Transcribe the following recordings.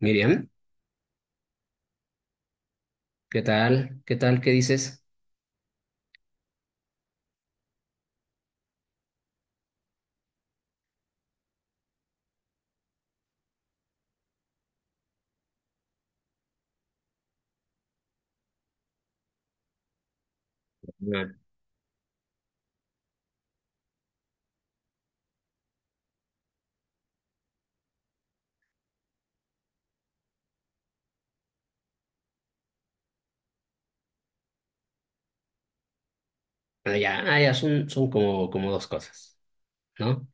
Miriam, ¿qué tal? ¿Qué tal? ¿Qué dices? Bueno, ya, ya son, son como dos cosas, ¿no?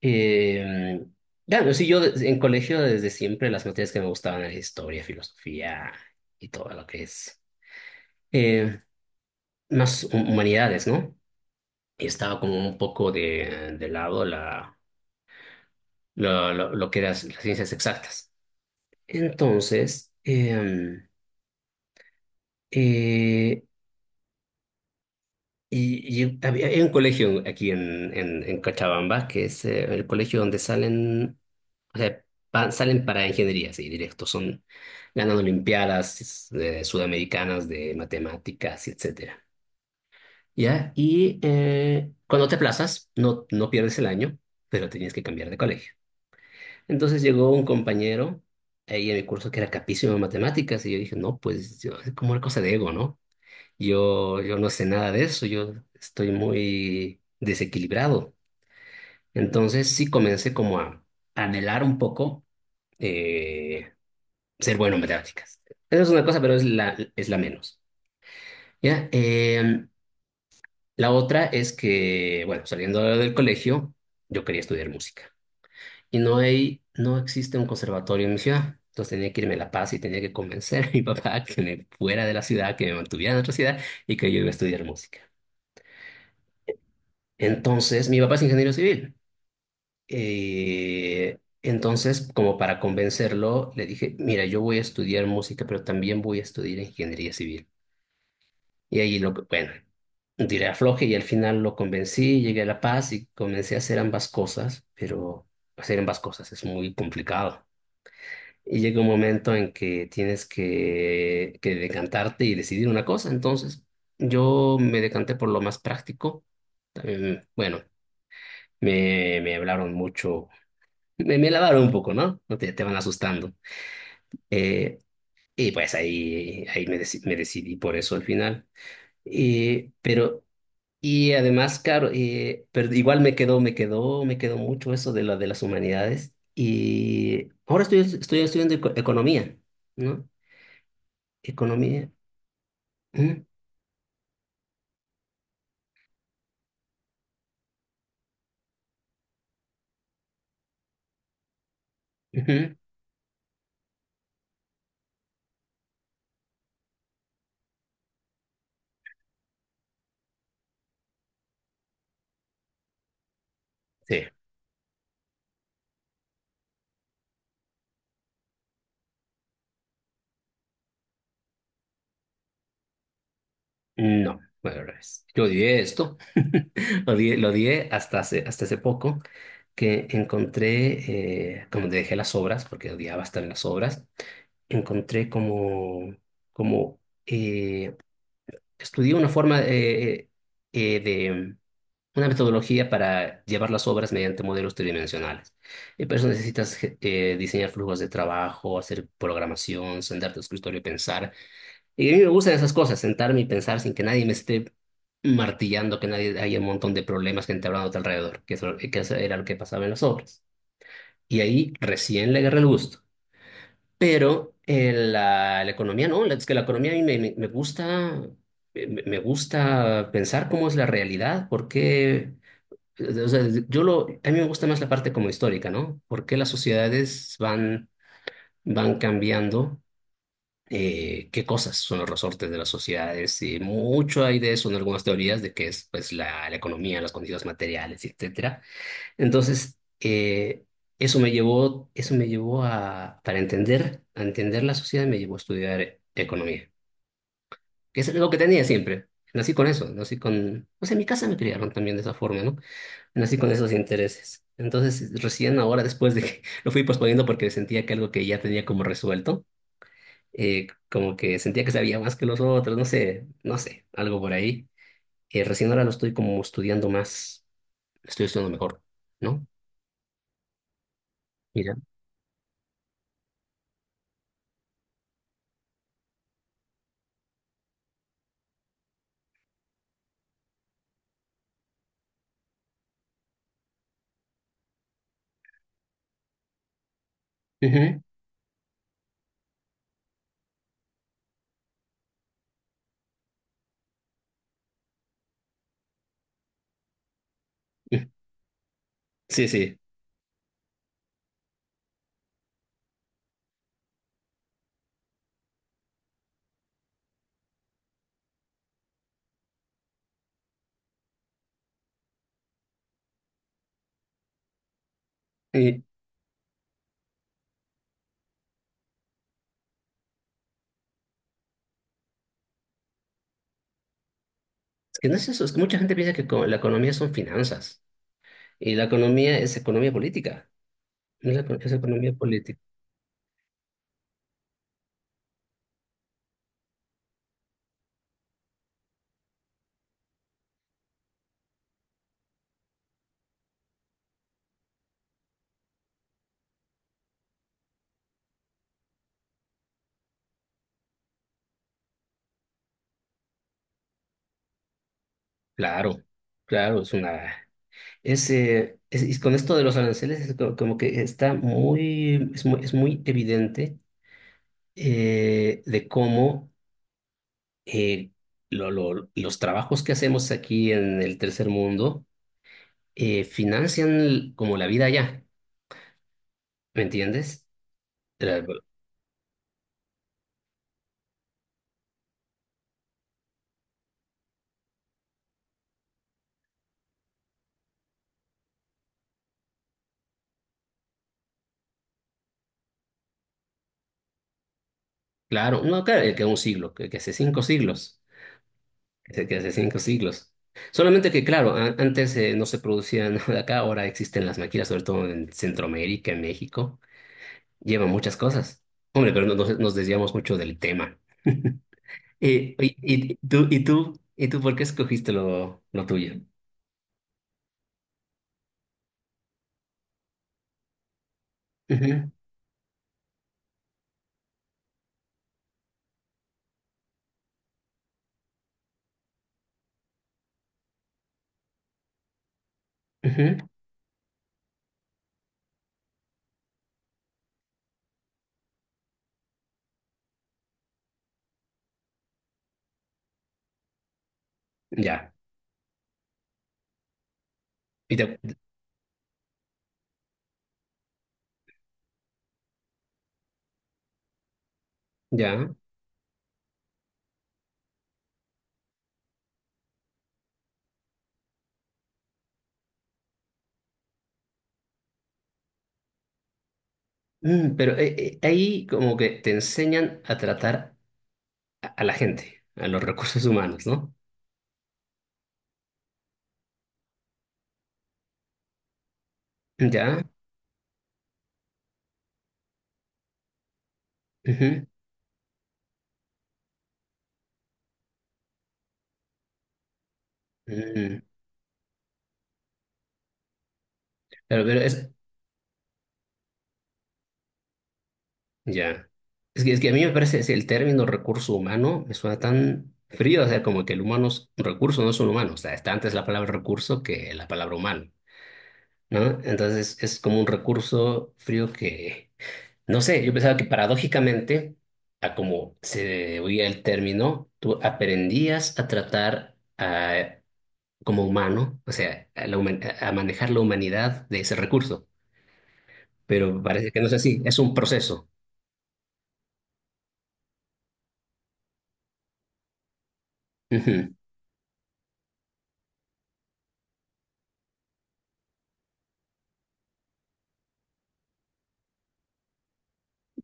Eh, claro, sí, yo en colegio desde siempre las materias que me gustaban eran historia, filosofía y todo lo que es eh, más humanidades, ¿no? Y estaba como un poco de lado lo que eran las ciencias exactas. Entonces, eh, hay un colegio aquí en Cochabamba, que es el colegio donde salen, o sea, salen para ingeniería, sí, directo. Son ganando olimpiadas sudamericanas de matemáticas, y etcétera. ¿Ya? Y cuando te aplazas, no, no pierdes el año, pero tenías que cambiar de colegio. Entonces llegó un compañero ahí en mi curso que era capísimo en matemáticas y yo dije, no, pues yo, como una cosa de ego, ¿no? Yo no sé nada de eso, yo estoy muy desequilibrado. Entonces sí comencé como a anhelar un poco eh, ser bueno en matemáticas. Esa es una cosa, pero es la menos. ¿Ya? La otra es que, bueno, saliendo del colegio, yo quería estudiar música. Y no hay, no existe un conservatorio en mi ciudad. Entonces tenía que irme a La Paz y tenía que convencer a mi papá que me fuera de la ciudad, que me mantuviera en otra ciudad y que yo iba a estudiar música. Entonces, mi papá es ingeniero civil. Entonces, como para convencerlo, le dije, mira, yo voy a estudiar música, pero también voy a estudiar ingeniería civil. Y ahí lo, bueno, tiré afloje y al final lo convencí, llegué a La Paz y comencé a hacer ambas cosas, pero hacer ambas cosas es muy complicado. Y llega un momento en que tienes que decantarte y decidir una cosa. Entonces, yo me decanté por lo más práctico. También, bueno, me hablaron mucho. Me lavaron un poco, ¿no? No te van asustando. Eh, y pues ahí, ahí me decidí por eso al final. Y, pero, y además, claro, pero igual me quedó mucho eso de la, de las humanidades. Y ahora estoy estudiando economía, ¿no? Economía. ¿Mm? Ujú. Sí. No, bueno, al revés. Yo odié esto. Lo odié hasta hace poco. Que encontré, como te dejé las obras, porque odiaba estar en las obras, encontré como, como eh, estudié una forma de una metodología para llevar las obras mediante modelos tridimensionales. Y para eso necesitas diseñar flujos de trabajo, hacer programación, sentarte al escritorio y pensar. Y a mí me gustan esas cosas, sentarme y pensar sin que nadie me esté martillando, que nadie haya un montón de problemas, gente hablando a tu alrededor, que eso era lo que pasaba en las obras. Y ahí recién le agarré el gusto. Pero la economía no, es que la economía a mí me gusta, me gusta pensar cómo es la realidad, por qué, o sea, a mí me gusta más la parte como histórica, ¿no? ¿Por qué las sociedades van cambiando? ¿Qué cosas son los resortes de las sociedades? Y mucho hay de eso en algunas teorías de que es pues la economía, las condiciones materiales, etcétera. Entonces, eso me llevó a, para entender, a entender la sociedad, me llevó a estudiar economía, que es lo que tenía siempre. Nací con eso, nací con, o sea, en mi casa me criaron también de esa forma, ¿no? Nací con esos intereses. Entonces, recién ahora, después de que lo fui posponiendo porque sentía que algo que ya tenía como resuelto, como que sentía que sabía más que los otros, no sé, no sé, algo por ahí. Recién ahora lo estoy como estudiando más, estoy estudiando mejor, ¿no? Mira. Ujú, sí, sí. Y es que no es eso, es que mucha gente piensa que la economía son finanzas y la economía es economía política. No es, la es economía política. Claro, claro, es una... Es, y con esto de los aranceles es como que está muy, es muy, es muy evidente de cómo eh, los trabajos que hacemos aquí en el tercer mundo financian como la vida allá, ¿me entiendes? Eh, Claro, no, claro, que un siglo, que hace cinco siglos, que hace cinco siglos. Solamente que, claro, antes no se producía nada acá, ahora existen las máquinas, sobre todo en Centroamérica, en México, llevan muchas cosas. Hombre, pero nos desviamos mucho del tema. Oye, y tú, ¿por qué escogiste lo tuyo? Ujú, ujú, ya, y te- ya. Mm, pero ahí como que te enseñan a tratar a la gente, a los recursos humanos, ¿no? Ya. Ujú, ujú. Claro, pero es, ya. Es que a mí me parece, es el término recurso humano, me suena tan frío, o sea, como que el humano es un recurso, no es un humano, o sea, está antes la palabra recurso que la palabra humano, ¿no? Entonces es como un recurso frío que, no sé, yo pensaba que paradójicamente, a como se oía el término, tú aprendías a tratar a, como humano, o sea, a, a manejar la humanidad de ese recurso, pero parece que no es así, es un proceso. Ujú,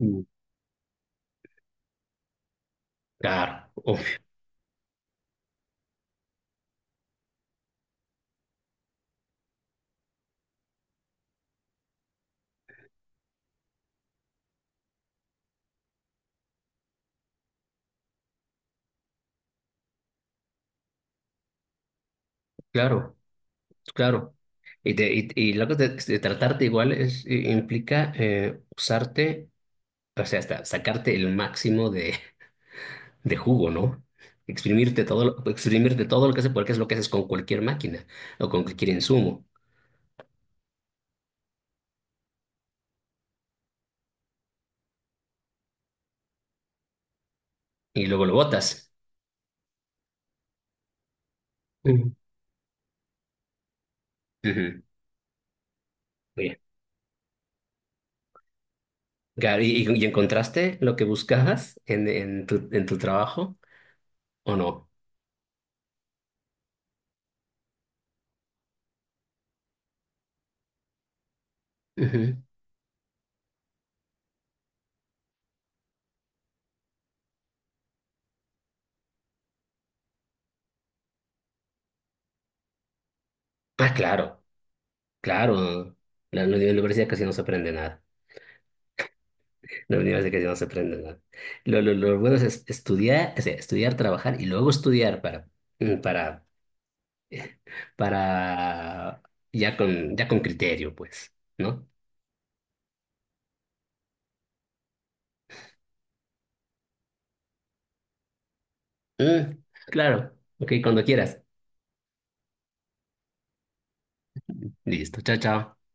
mm, claro, obvio, claro, claro. Y, y lo que de tratarte igual es, implica usarte, o sea, hasta sacarte el máximo de jugo, ¿no? Exprimirte todo, exprimirte todo lo que haces, porque es lo que haces con cualquier máquina o con cualquier insumo, y luego lo botas. Ujú. Ujú, bien. Claro, y encontraste lo que buscabas en tu trabajo o no? Ujú. Ah, claro. Claro, la universidad casi no se aprende nada. La universidad casi no se aprende nada. Lo bueno es estudiar, o sea, estudiar, trabajar y luego estudiar para, mm, para, ya con criterio, pues, ¿no? Mm, claro, ok, cuando quieras. Listo, chao, chao.